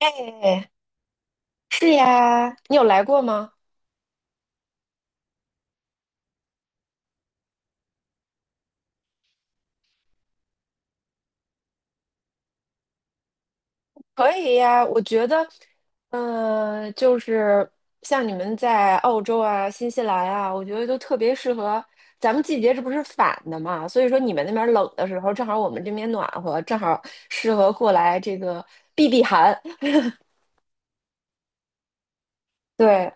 哎，是呀，你有来过吗？可以呀，我觉得，就是像你们在澳洲啊、新西兰啊，我觉得都特别适合。咱们季节这不是反的嘛，所以说你们那边冷的时候，正好我们这边暖和，正好适合过来这个避避寒。对，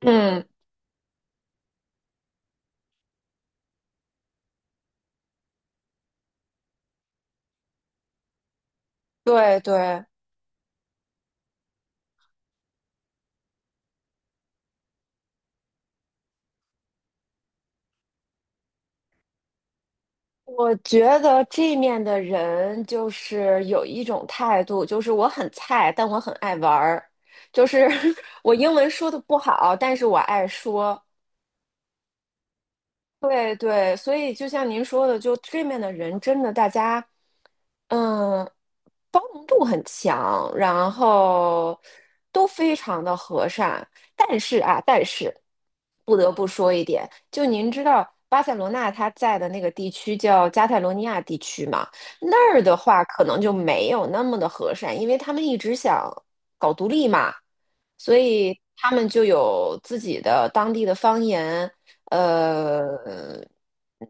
嗯，对对。我觉得这面的人就是有一种态度，就是我很菜，但我很爱玩儿。就是 我英文说的不好，但是我爱说；对对，所以就像您说的，就这面的人真的大家，嗯，包容度很强，然后都非常的和善。但是不得不说一点，就您知道巴塞罗那它在的那个地区叫加泰罗尼亚地区嘛，那儿的话可能就没有那么的和善，因为他们一直想搞独立嘛。所以他们就有自己的当地的方言，呃，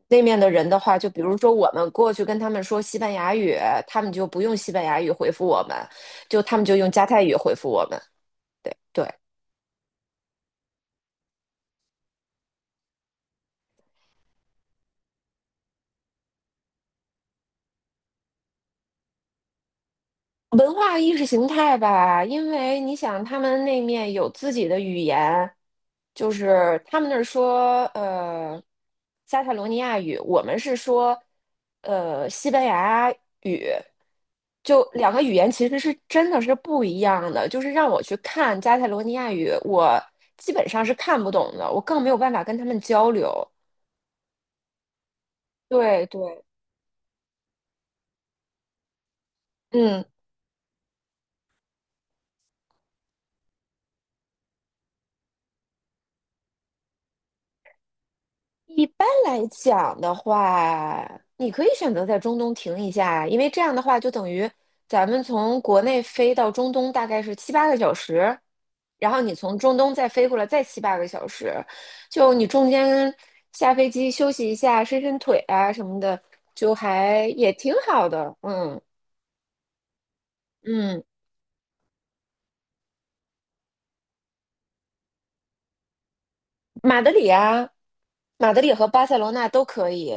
那面的人的话，就比如说我们过去跟他们说西班牙语，他们就不用西班牙语回复我们，就他们就用加泰语回复我们。对对。文化意识形态吧，因为你想，他们那面有自己的语言，就是他们那儿说加泰罗尼亚语，我们是说西班牙语，就两个语言其实是真的是不一样的。就是让我去看加泰罗尼亚语，我基本上是看不懂的，我更没有办法跟他们交流。对对，嗯。一般来讲的话，你可以选择在中东停一下，因为这样的话就等于咱们从国内飞到中东大概是七八个小时，然后你从中东再飞过来再七八个小时，就你中间下飞机休息一下，伸伸腿啊什么的，就还也挺好的。嗯嗯，马德里啊，马德里和巴塞罗那都可以。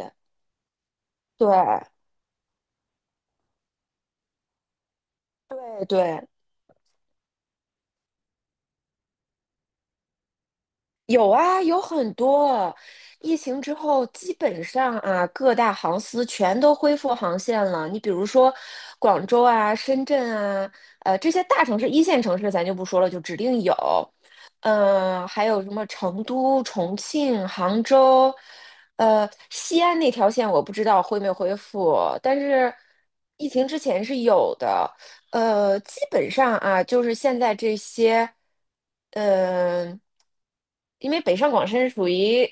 对哎对。有啊，有很多。疫情之后，基本上啊，各大航司全都恢复航线了。你比如说，广州啊、深圳啊，这些大城市、一线城市咱就不说了，就指定有。还有什么成都、重庆、杭州，西安那条线我不知道恢没恢复，但是疫情之前是有的。基本上啊，就是现在这些，嗯、因为北上广深属于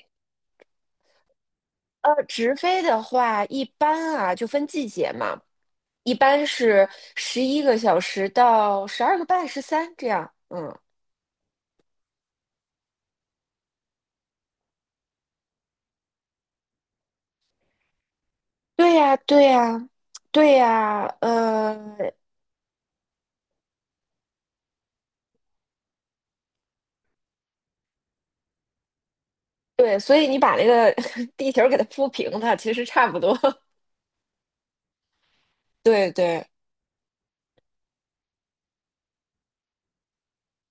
直飞的话，一般啊就分季节嘛，一般是11个小时到12个半、13这样。嗯，对呀，对呀，对呀，对，所以你把那个 地球给它铺平它，其实差不多。对对。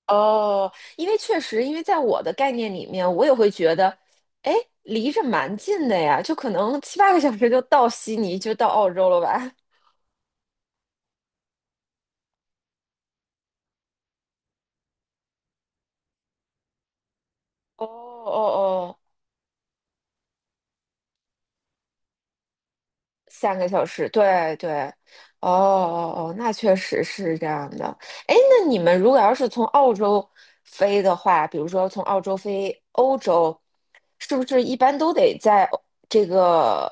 哦，因为确实，因为在我的概念里面，我也会觉得，哎，离着蛮近的呀，就可能七八个小时就到悉尼，就到澳洲了吧？哦哦哦，3个小时，对对，哦哦哦，那确实是这样的。哎，那你们如果要是从澳洲飞的话，比如说从澳洲飞欧洲，是不是一般都得在这个？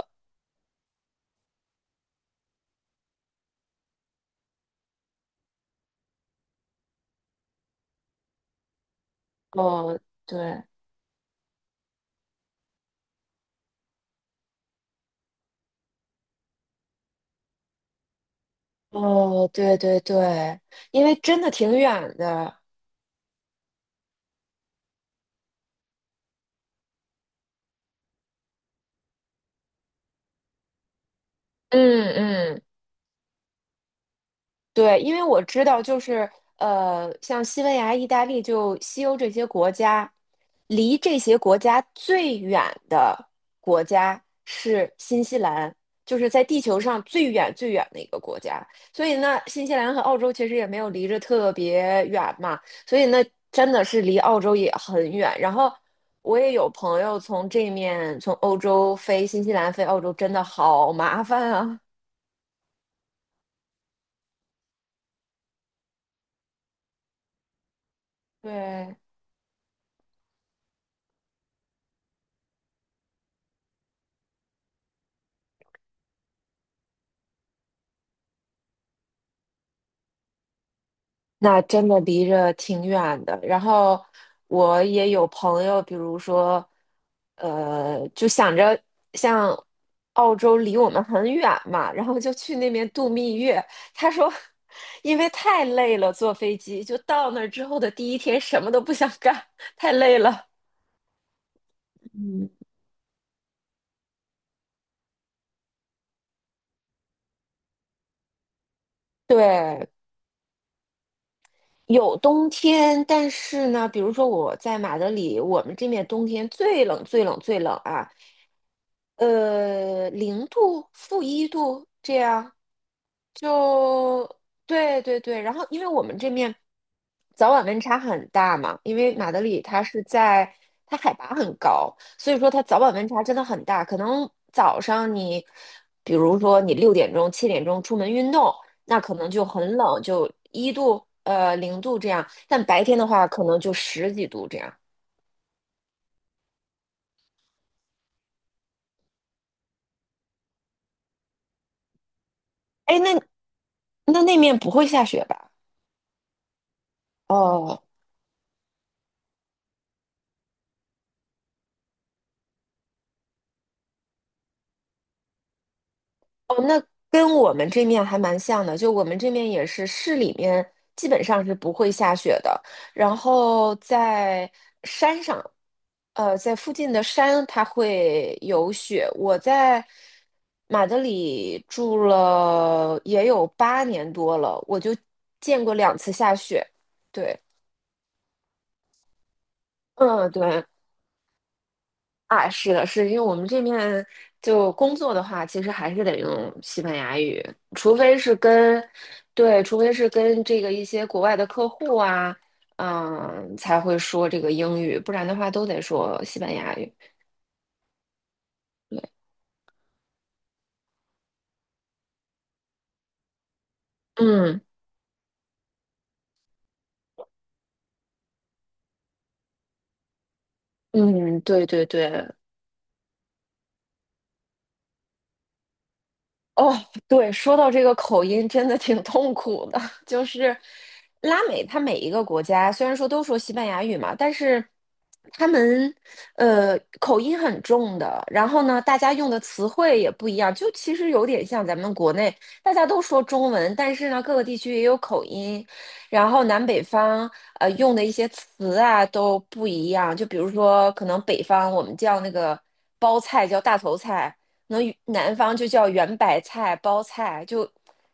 哦，对，哦，对对对，因为真的挺远的。嗯嗯。对，因为我知道，就是像西班牙、意大利，就西欧这些国家，离这些国家最远的国家是新西兰，就是在地球上最远最远的一个国家。所以呢，新西兰和澳洲其实也没有离着特别远嘛，所以呢，真的是离澳洲也很远。然后我也有朋友从这面从欧洲飞新西兰飞澳洲，真的好麻烦啊。对，那真的离着挺远的。然后我也有朋友，比如说，就想着像澳洲离我们很远嘛，然后就去那边度蜜月。他说，因为太累了，坐飞机就到那儿之后的第一天什么都不想干，太累了。嗯对，有冬天，但是呢，比如说我在马德里，我们这面冬天最冷、最冷、最冷啊，零度、-1度这样，就对对对。然后，因为我们这面早晚温差很大嘛，因为马德里它是在它海拔很高，所以说它早晚温差真的很大。可能早上你，比如说你6点钟、7点钟出门运动，那可能就很冷，就一度、零度这样。但白天的话，可能就十几度这样。哎，那那面不会下雪吧？哦，跟我们这面还蛮像的，就我们这面也是市里面基本上是不会下雪的，然后在山上，在附近的山它会有雪。我在马德里住了也有8年多了，我就见过两次下雪。对，嗯，对。啊，是的，是因为我们这面就工作的话，其实还是得用西班牙语，除非是跟，对，除非是跟这个一些国外的客户啊，嗯，才会说这个英语，不然的话都得说西班牙语。嗯嗯，对对对，哦，对，说到这个口音，真的挺痛苦的。就是拉美，它每一个国家虽然说都说西班牙语嘛，但是他们口音很重的。然后呢，大家用的词汇也不一样，就其实有点像咱们国内，大家都说中文，但是呢，各个地区也有口音，然后南北方用的一些词啊都不一样。就比如说，可能北方我们叫那个包菜叫大头菜。可能南方就叫圆白菜、包菜，就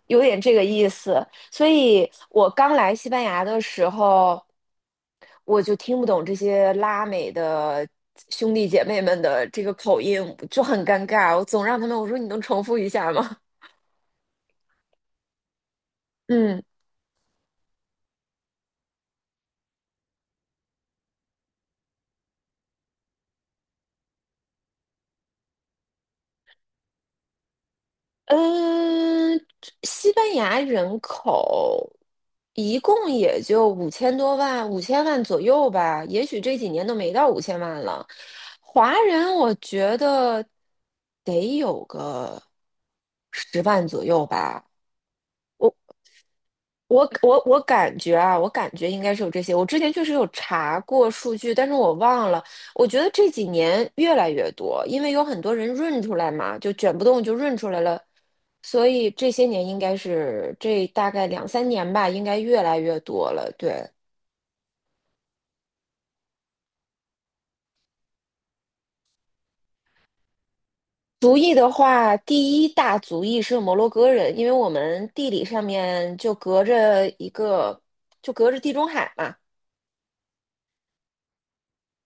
有点这个意思。所以我刚来西班牙的时候，我就听不懂这些拉美的兄弟姐妹们的这个口音，就很尴尬。我总让他们我说你能重复一下吗？嗯。嗯，西班牙人口一共也就五千多万，五千万左右吧，也许这几年都没到五千万了。华人我觉得得有个10万左右吧。我。我感觉啊，我感觉应该是有这些。我之前确实有查过数据，但是我忘了。我觉得这几年越来越多，因为有很多人润出来嘛，就卷不动就润出来了，所以这些年应该是这大概两三年吧，应该越来越多了。对，族裔的话，第一大族裔是摩洛哥人，因为我们地理上面就隔着一个，就隔着地中海嘛。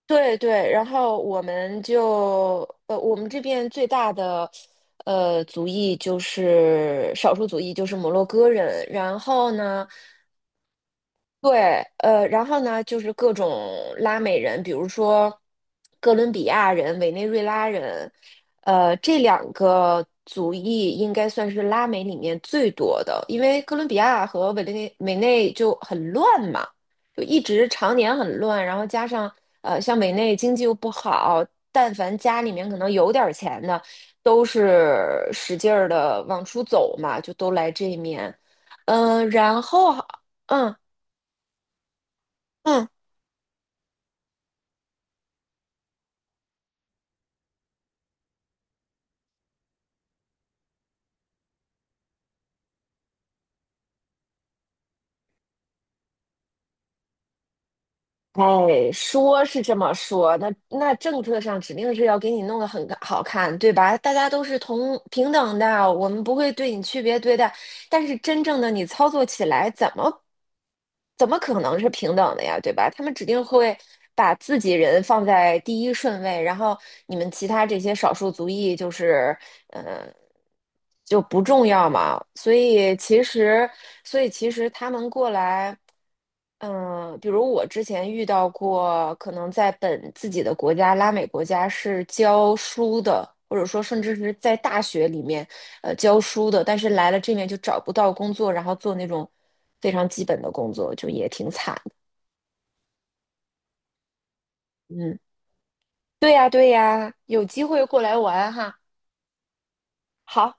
对对，然后我们这边最大的族裔就是少数族裔，就是摩洛哥人。然后呢，对，然后呢，就是各种拉美人，比如说哥伦比亚人、委内瑞拉人，这两个族裔应该算是拉美里面最多的，因为哥伦比亚和委内就很乱嘛，就一直常年很乱，然后加上像委内经济又不好，但凡家里面可能有点儿钱的，都是使劲儿的往出走嘛，就都来这面。嗯、然后嗯。嗯哎，说是这么说，那政策上指定是要给你弄得很好看，对吧？大家都是同平等的，我们不会对你区别对待。但是真正的你操作起来，怎么可能是平等的呀，对吧？他们指定会把自己人放在第一顺位，然后你们其他这些少数族裔就是呃就不重要嘛。所以其实他们过来。嗯，比如我之前遇到过，可能在本自己的国家，拉美国家是教书的，或者说甚至是在大学里面，教书的，但是来了这面就找不到工作，然后做那种非常基本的工作，就也挺惨的。嗯，对呀，对呀，有机会过来玩哈。好。